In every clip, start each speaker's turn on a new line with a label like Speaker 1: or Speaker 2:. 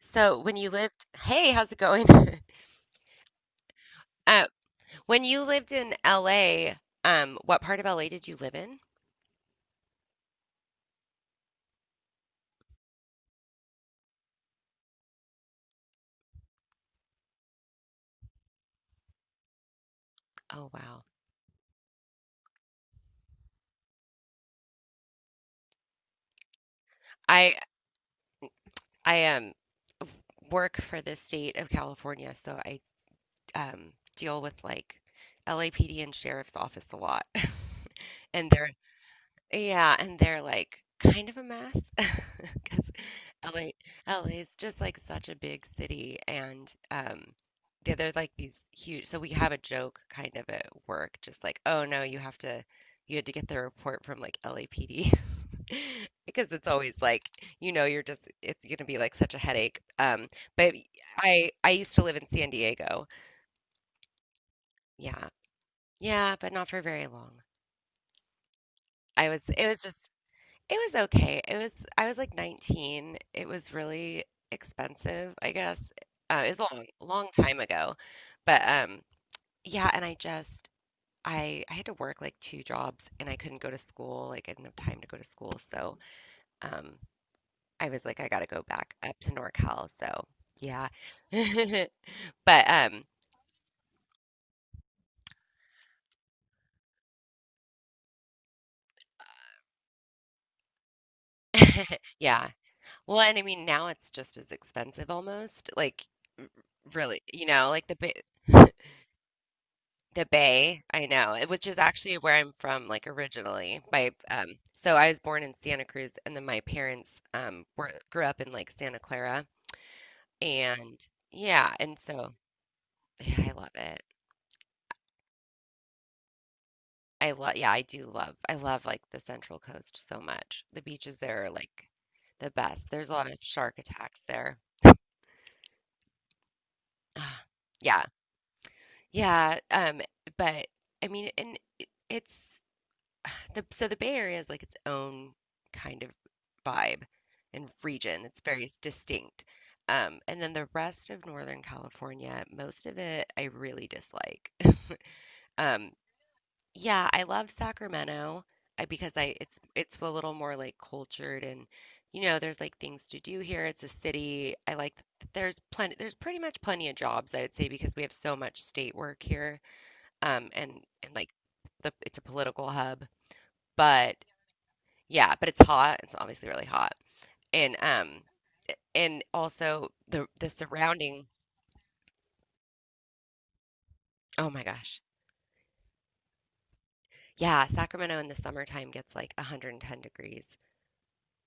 Speaker 1: So when you lived, hey, how's it going? Uh, when you lived in LA, what part of LA did you live in? Oh wow. I I work for the state of California, so I deal with like LAPD and sheriff's office a lot. And they're Yeah, and they're, like, kind of a mess 'cause LA LA is just, like, such a big city, and, yeah, they're, like, these huge so we have a joke kind of at work, just like, "Oh, no, you had to get the report from, like, LAPD," because it's always, like, you're just it's gonna be, like, such a headache, but I used to live in San Diego. Yeah. Yeah, but not for very long. I was it was just It was okay. It was I was like 19. It was really expensive, I guess. It was a long, long time ago. But yeah, and I had to work like two jobs and I couldn't go to school. Like I didn't have time to go to school. So um I was like I gotta go back up to NorCal. So yeah. But yeah. Well, and I mean now it's just as expensive almost. Like really, like the bit The Bay, I know, eh, which is actually where I'm from, like originally. My so I was born in Santa Cruz, and then my parents were grew up in like Santa Clara, and yeah, and so yeah, I love it. I love, yeah, I love like the Central Coast so much. The beaches there are like the best. There's a lot of shark attacks there. Ah, yeah, yeah, but I mean, and it's. The Bay Area is like its own kind of vibe and region. It's very distinct. And then the rest of Northern California, most of it I really dislike. Um, yeah, I love Sacramento, because I it's a little more like cultured and there's like things to do here. It's a city. I like that there's pretty much plenty of jobs I would say because we have so much state work here. Um, and and like the it's a political hub, but yeah, but it's hot. It's obviously really hot. And um and also the surrounding, oh my gosh. Yeah, Sacramento in the summertime gets like 110 degrees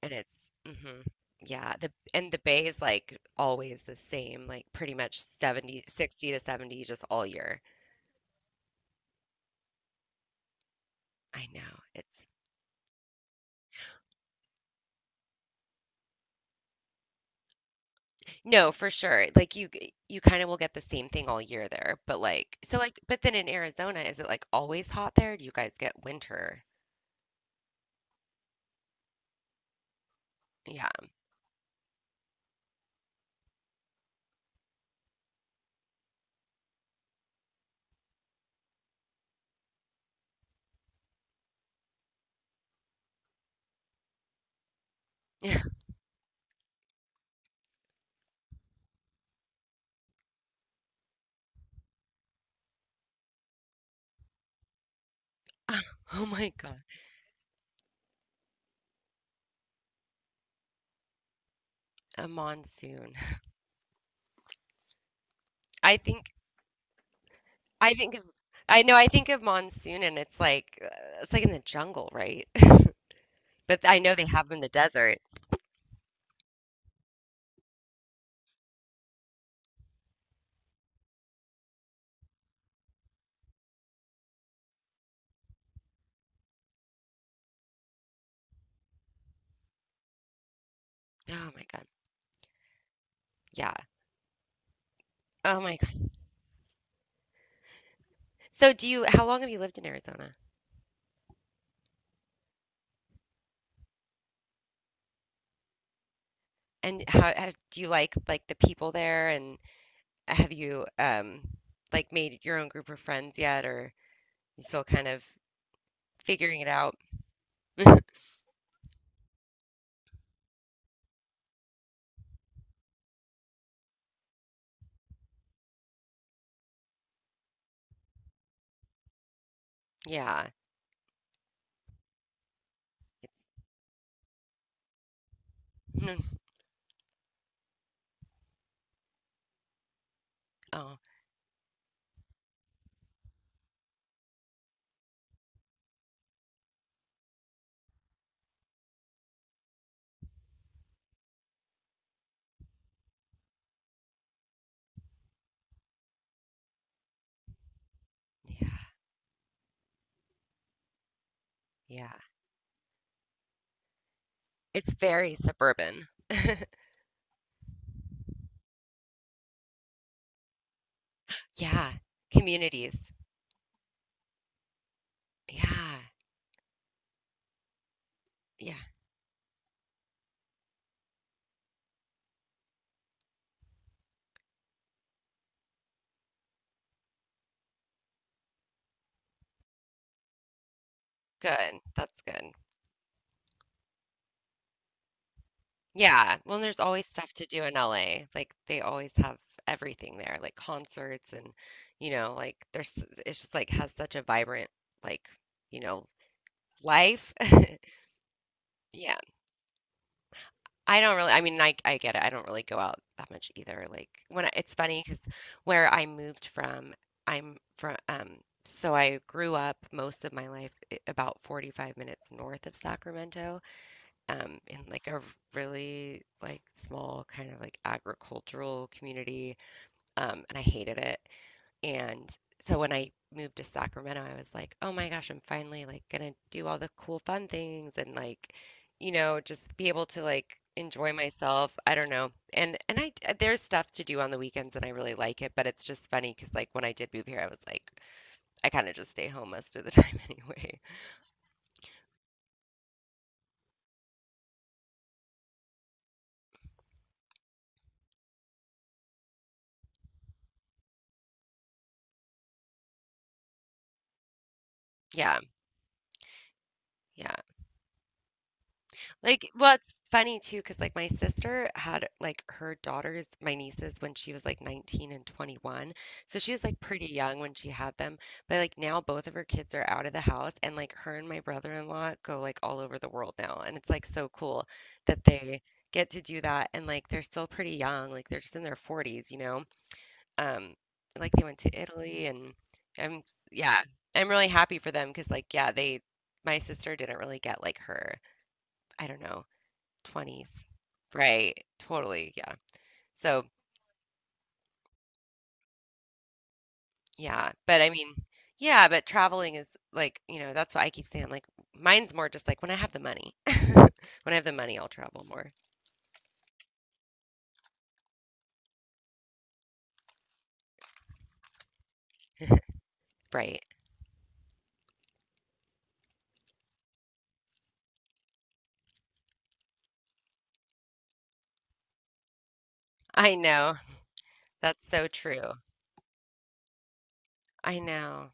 Speaker 1: and it's hmm yeah, the and the bay is like always the same, like pretty much 70 60 to 70 just all year. I know. It's No, for sure. Like you kind of will get the same thing all year there, but like so like but then in Arizona is it like always hot there? Do you guys get winter? Yeah. Oh my God. A monsoon. I think I think of I know, I think of monsoon and it's like in the jungle, right? But I know they have them in the desert. Oh my God. Yeah. Oh my God. So do you how long have you lived in Arizona? And how do you like the people there and have you like made your own group of friends yet or you still kind of figuring it out? Yeah, it's oh, yeah, yeah. It's very suburban. Yeah, communities. Yeah, yeah. Good. That's good. Yeah. Well, there's always stuff to do in LA. Like they always have everything there, like concerts and like there's it's just like has such a vibrant like, you know, life. Yeah. I don't really I mean, I get it. I don't really go out that much either. Like, when I it's funny because where I moved from, I'm from so I grew up most of my life I about 45 minutes north of Sacramento, in, like, a really, like, small kind of, like, agricultural community, and I hated it. And so when I moved to Sacramento, I was like, "Oh my gosh, I'm finally like gonna do all the cool fun things and like, you know, just be able to like enjoy myself." I don't know. And I there's stuff to do on the weekends and I really like it, but it's just funny because like when I did move here, I was like I kind of just stay home most of the time anyway. Yeah. Yeah. Like, well, it's funny too, cause like, my sister had, like, her daughters my nieces when she was, like, 19 and 21, so she was, like, pretty young when she had them, but, like, now both of her kids are out of the house, and, like, her and my brother-in-law go, like, all over the world now, and it's, like, so cool that they get to do that, and, like, they're still pretty young, like, they're just in their 40s, you know? Um, like, they went to Italy and I'm yeah, I'm really happy for them, cause like, yeah, they my sister didn't really get, like, her I don't know, 20s. Right. Totally, yeah. So, yeah, but I mean yeah, but traveling is like, that's what I keep saying like mine's more just like when I have the money. When I have the money, I'll travel more. Right. I know. That's so true. I know.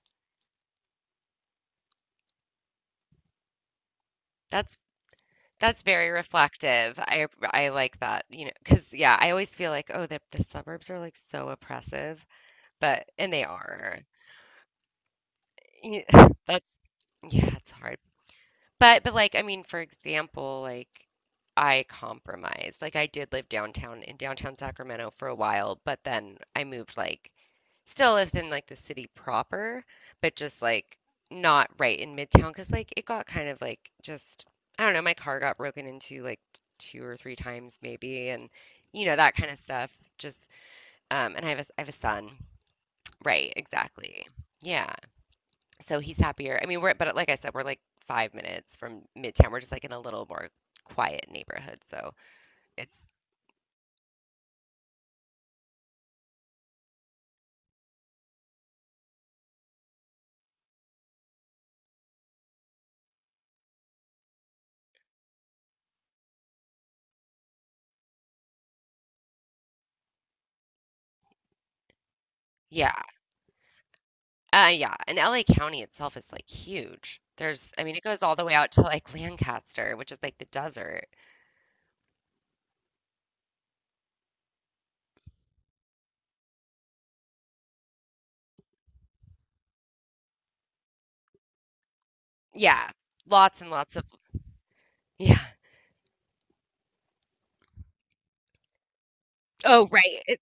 Speaker 1: That's that's very reflective. I like that, you know because yeah, I always feel like, oh, the suburbs are like so oppressive, but and they are. You- That's yeah, it's hard. But like I mean, for example, like I compromised. Like I did live downtown in downtown Sacramento for a while, but then I moved like still within like the city proper, but just like not right in Midtown because like it got kind of like just I don't know, my car got broken into like two or three times maybe and you know that kind of stuff. Just and I have a son. Right, exactly. Yeah. So he's happier. I mean, we're but like I said, we're like 5 minutes from Midtown. We're just like in a little more quiet neighborhood. So it's yeah, yeah. And LA County itself is like huge. I mean, it goes all the way out to like Lancaster, which is like the desert. Yeah, lots and lots of yeah. Oh, right.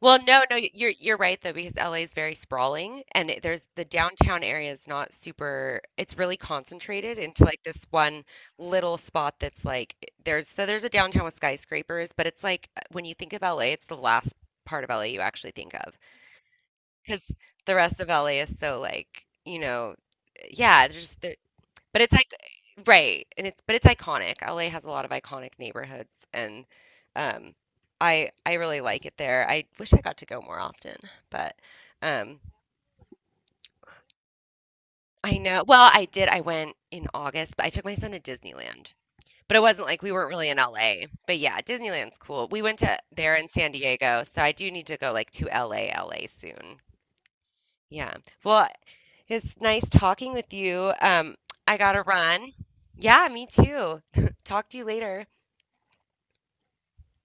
Speaker 1: Well, no, no, you're right though because LA is very sprawling and there's the downtown area is not super it's really concentrated into like this one little spot that's like there's a downtown with skyscrapers, but it's like when you think of LA, it's the last part of LA you actually think of because the rest of LA is so like, you know, yeah, there's just but it's like right, and it's but it's iconic. LA has a lot of iconic neighborhoods, and um, I really like it there. I wish I got to go more often, but um, I know. Well, I did. I went in August, but I took my son to Disneyland. But it wasn't like we weren't really in LA. But yeah, Disneyland's cool. We went to there in San Diego, so I do need to go like to LA soon. Yeah. Well, it's nice talking with you. I gotta run. Yeah, me too. Talk to you later.